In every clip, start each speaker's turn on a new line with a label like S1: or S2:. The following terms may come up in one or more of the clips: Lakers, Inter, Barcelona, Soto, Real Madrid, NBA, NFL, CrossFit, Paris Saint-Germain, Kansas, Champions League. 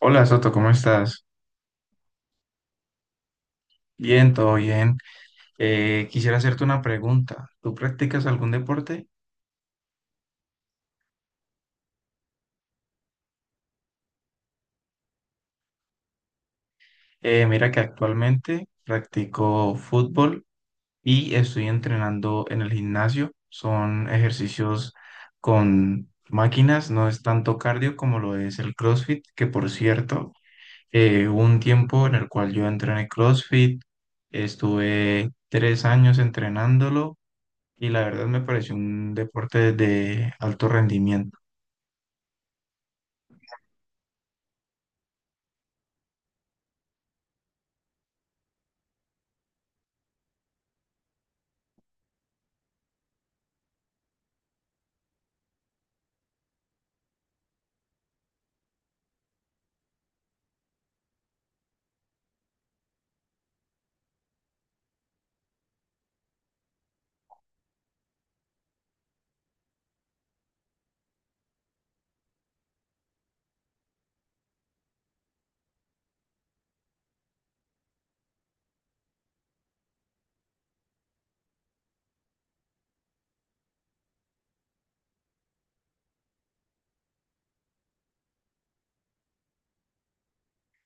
S1: Hola Soto, ¿cómo estás? Bien, todo bien. Quisiera hacerte una pregunta. ¿Tú practicas algún deporte? Mira que actualmente practico fútbol y estoy entrenando en el gimnasio. Son ejercicios con máquinas, no es tanto cardio como lo es el CrossFit, que por cierto, hubo un tiempo en el cual yo entrené CrossFit, estuve 3 años entrenándolo y la verdad me pareció un deporte de alto rendimiento.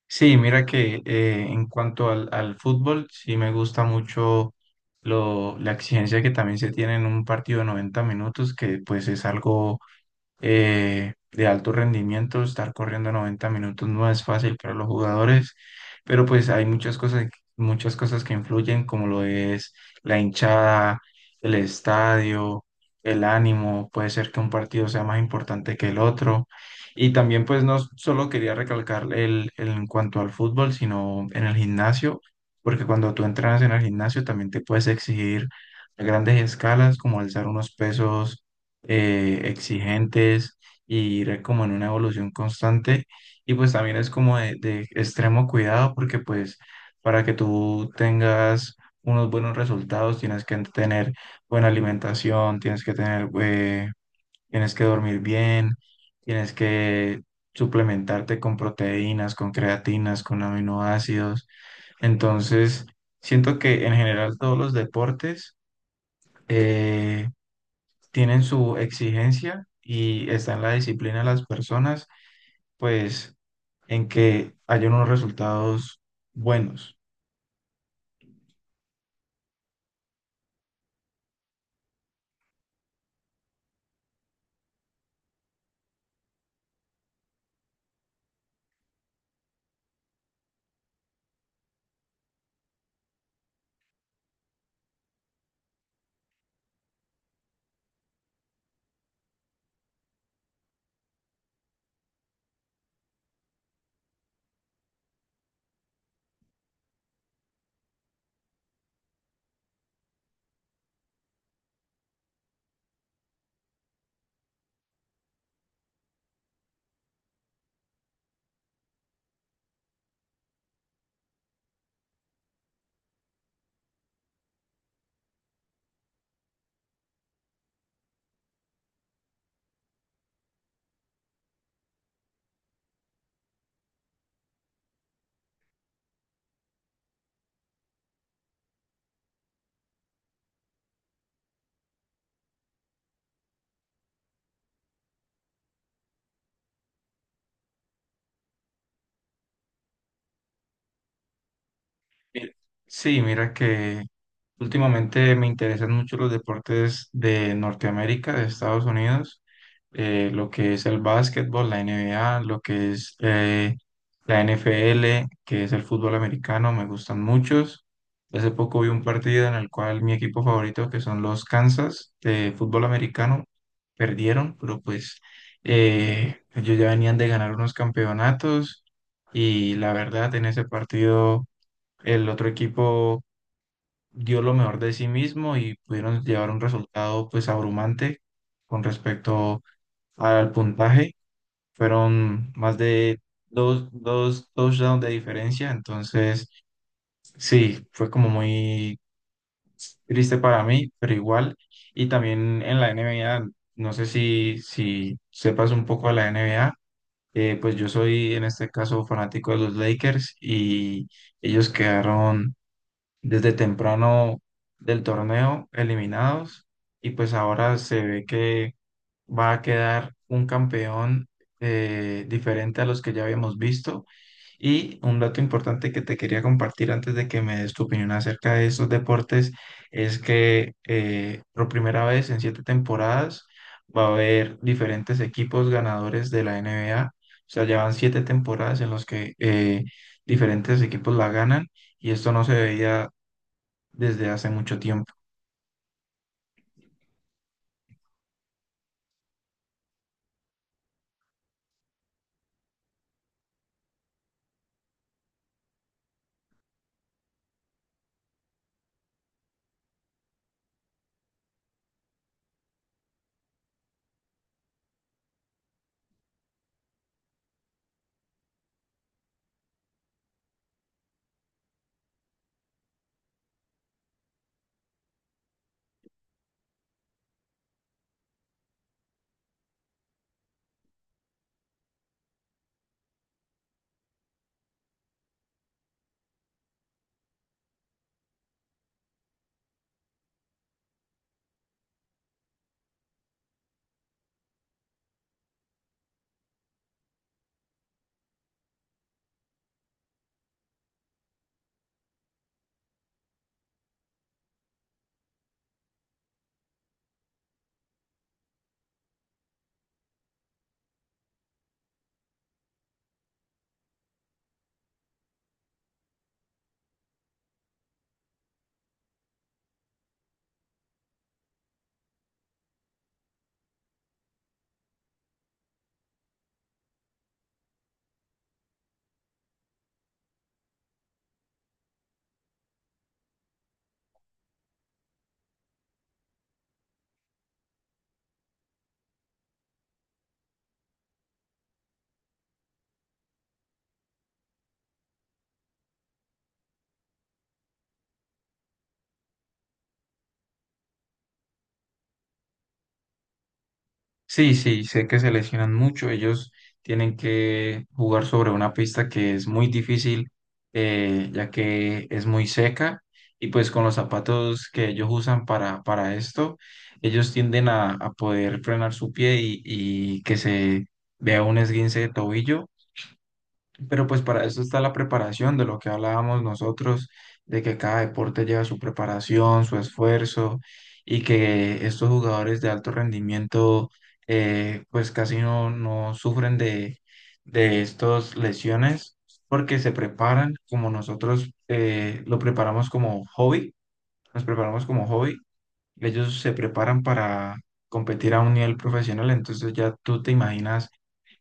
S1: Sí, mira que en cuanto al fútbol, sí me gusta mucho la exigencia que también se tiene en un partido de 90 minutos, que pues es algo de alto rendimiento. Estar corriendo 90 minutos no es fácil para los jugadores, pero pues hay muchas cosas que influyen, como lo es la hinchada, el estadio, el ánimo. Puede ser que un partido sea más importante que el otro. Y también pues no solo quería recalcar en cuanto al fútbol, sino en el gimnasio, porque cuando tú entrenas en el gimnasio también te puedes exigir a grandes escalas, como alzar unos pesos exigentes y ir como en una evolución constante. Y pues también es como de extremo cuidado porque pues para que tú tengas unos buenos resultados tienes que tener buena alimentación, tienes que tener, tienes que dormir bien, tienes que suplementarte con proteínas, con creatinas, con aminoácidos. Entonces, siento que en general todos los deportes... eh, tienen su exigencia y está en la disciplina de las personas, pues en que haya unos resultados buenos. Mi- Sí, mira que últimamente me interesan mucho los deportes de Norteamérica, de Estados Unidos, lo que es el básquetbol, la NBA, lo que es la NFL, que es el fútbol americano, me gustan muchos. Hace poco vi un partido en el cual mi equipo favorito, que son los Kansas de fútbol americano, perdieron, pero pues ellos ya venían de ganar unos campeonatos y la verdad en ese partido el otro equipo dio lo mejor de sí mismo y pudieron llevar un resultado pues abrumante con respecto al puntaje. Fueron más de dos touchdowns de diferencia, entonces sí, fue como muy triste para mí, pero igual. Y también en la NBA, no sé si sepas un poco de la NBA. Pues yo soy en este caso fanático de los Lakers y ellos quedaron desde temprano del torneo eliminados y pues ahora se ve que va a quedar un campeón diferente a los que ya habíamos visto. Y un dato importante que te quería compartir antes de que me des tu opinión acerca de estos deportes es que por primera vez en 7 temporadas va a haber diferentes equipos ganadores de la NBA. O sea, llevan 7 temporadas en los que diferentes equipos la ganan y esto no se veía desde hace mucho tiempo. Sí, sí, sé que se lesionan mucho. Ellos tienen que jugar sobre una pista que es muy difícil, ya que es muy seca. Y pues con los zapatos que ellos usan para esto, ellos tienden a poder frenar su pie y que se vea un esguince de tobillo. Pero pues para eso está la preparación de lo que hablábamos nosotros, de que cada deporte lleva su preparación, su esfuerzo y que estos jugadores de alto rendimiento pues casi no sufren de estas lesiones porque se preparan como nosotros lo preparamos como hobby, nos preparamos como hobby, ellos se preparan para competir a un nivel profesional, entonces ya tú te imaginas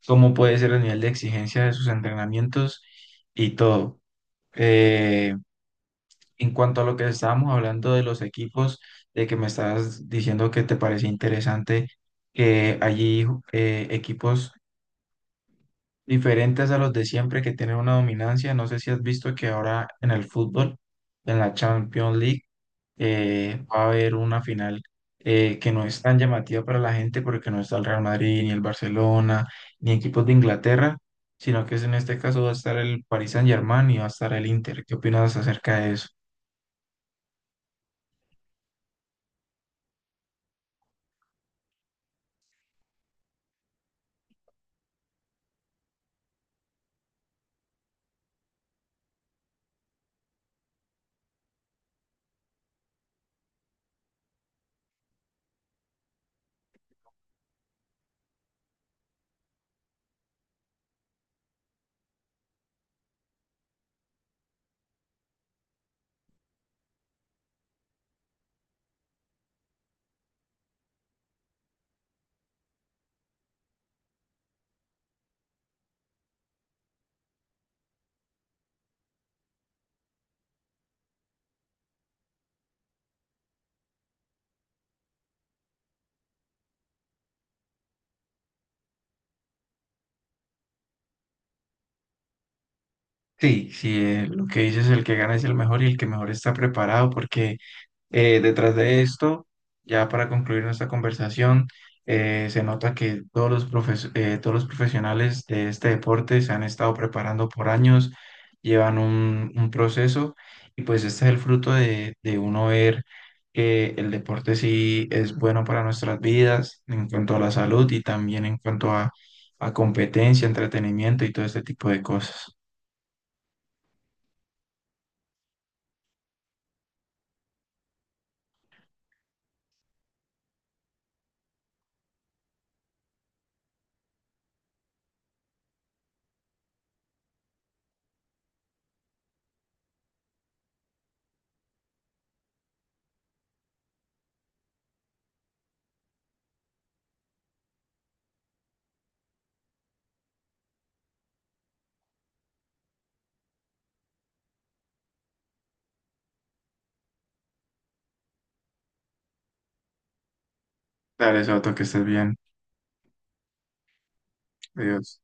S1: cómo puede ser el nivel de exigencia de sus entrenamientos y todo. Eh, en cuanto a lo que estábamos hablando de los equipos, de que me estabas diciendo que te parece interesante que allí equipos diferentes a los de siempre que tienen una dominancia. No sé si has visto que ahora en el fútbol, en la Champions League, va a haber una final que no es tan llamativa para la gente porque no está el Real Madrid, ni el Barcelona, ni equipos de Inglaterra, sino que en este caso va a estar el Paris Saint-Germain y va a estar el Inter. ¿Qué opinas acerca de eso? Sí, sí, lo que dices, el que gana es el mejor y el que mejor está preparado porque detrás de esto, ya para concluir nuestra conversación, se nota que todos los todos los profesionales de este deporte se han estado preparando por años, llevan un proceso y pues este es el fruto de uno ver que el deporte sí es bueno para nuestras vidas en cuanto a la salud y también en cuanto a competencia, entretenimiento y todo este tipo de cosas. Dale, Soto, que estés bien. Adiós.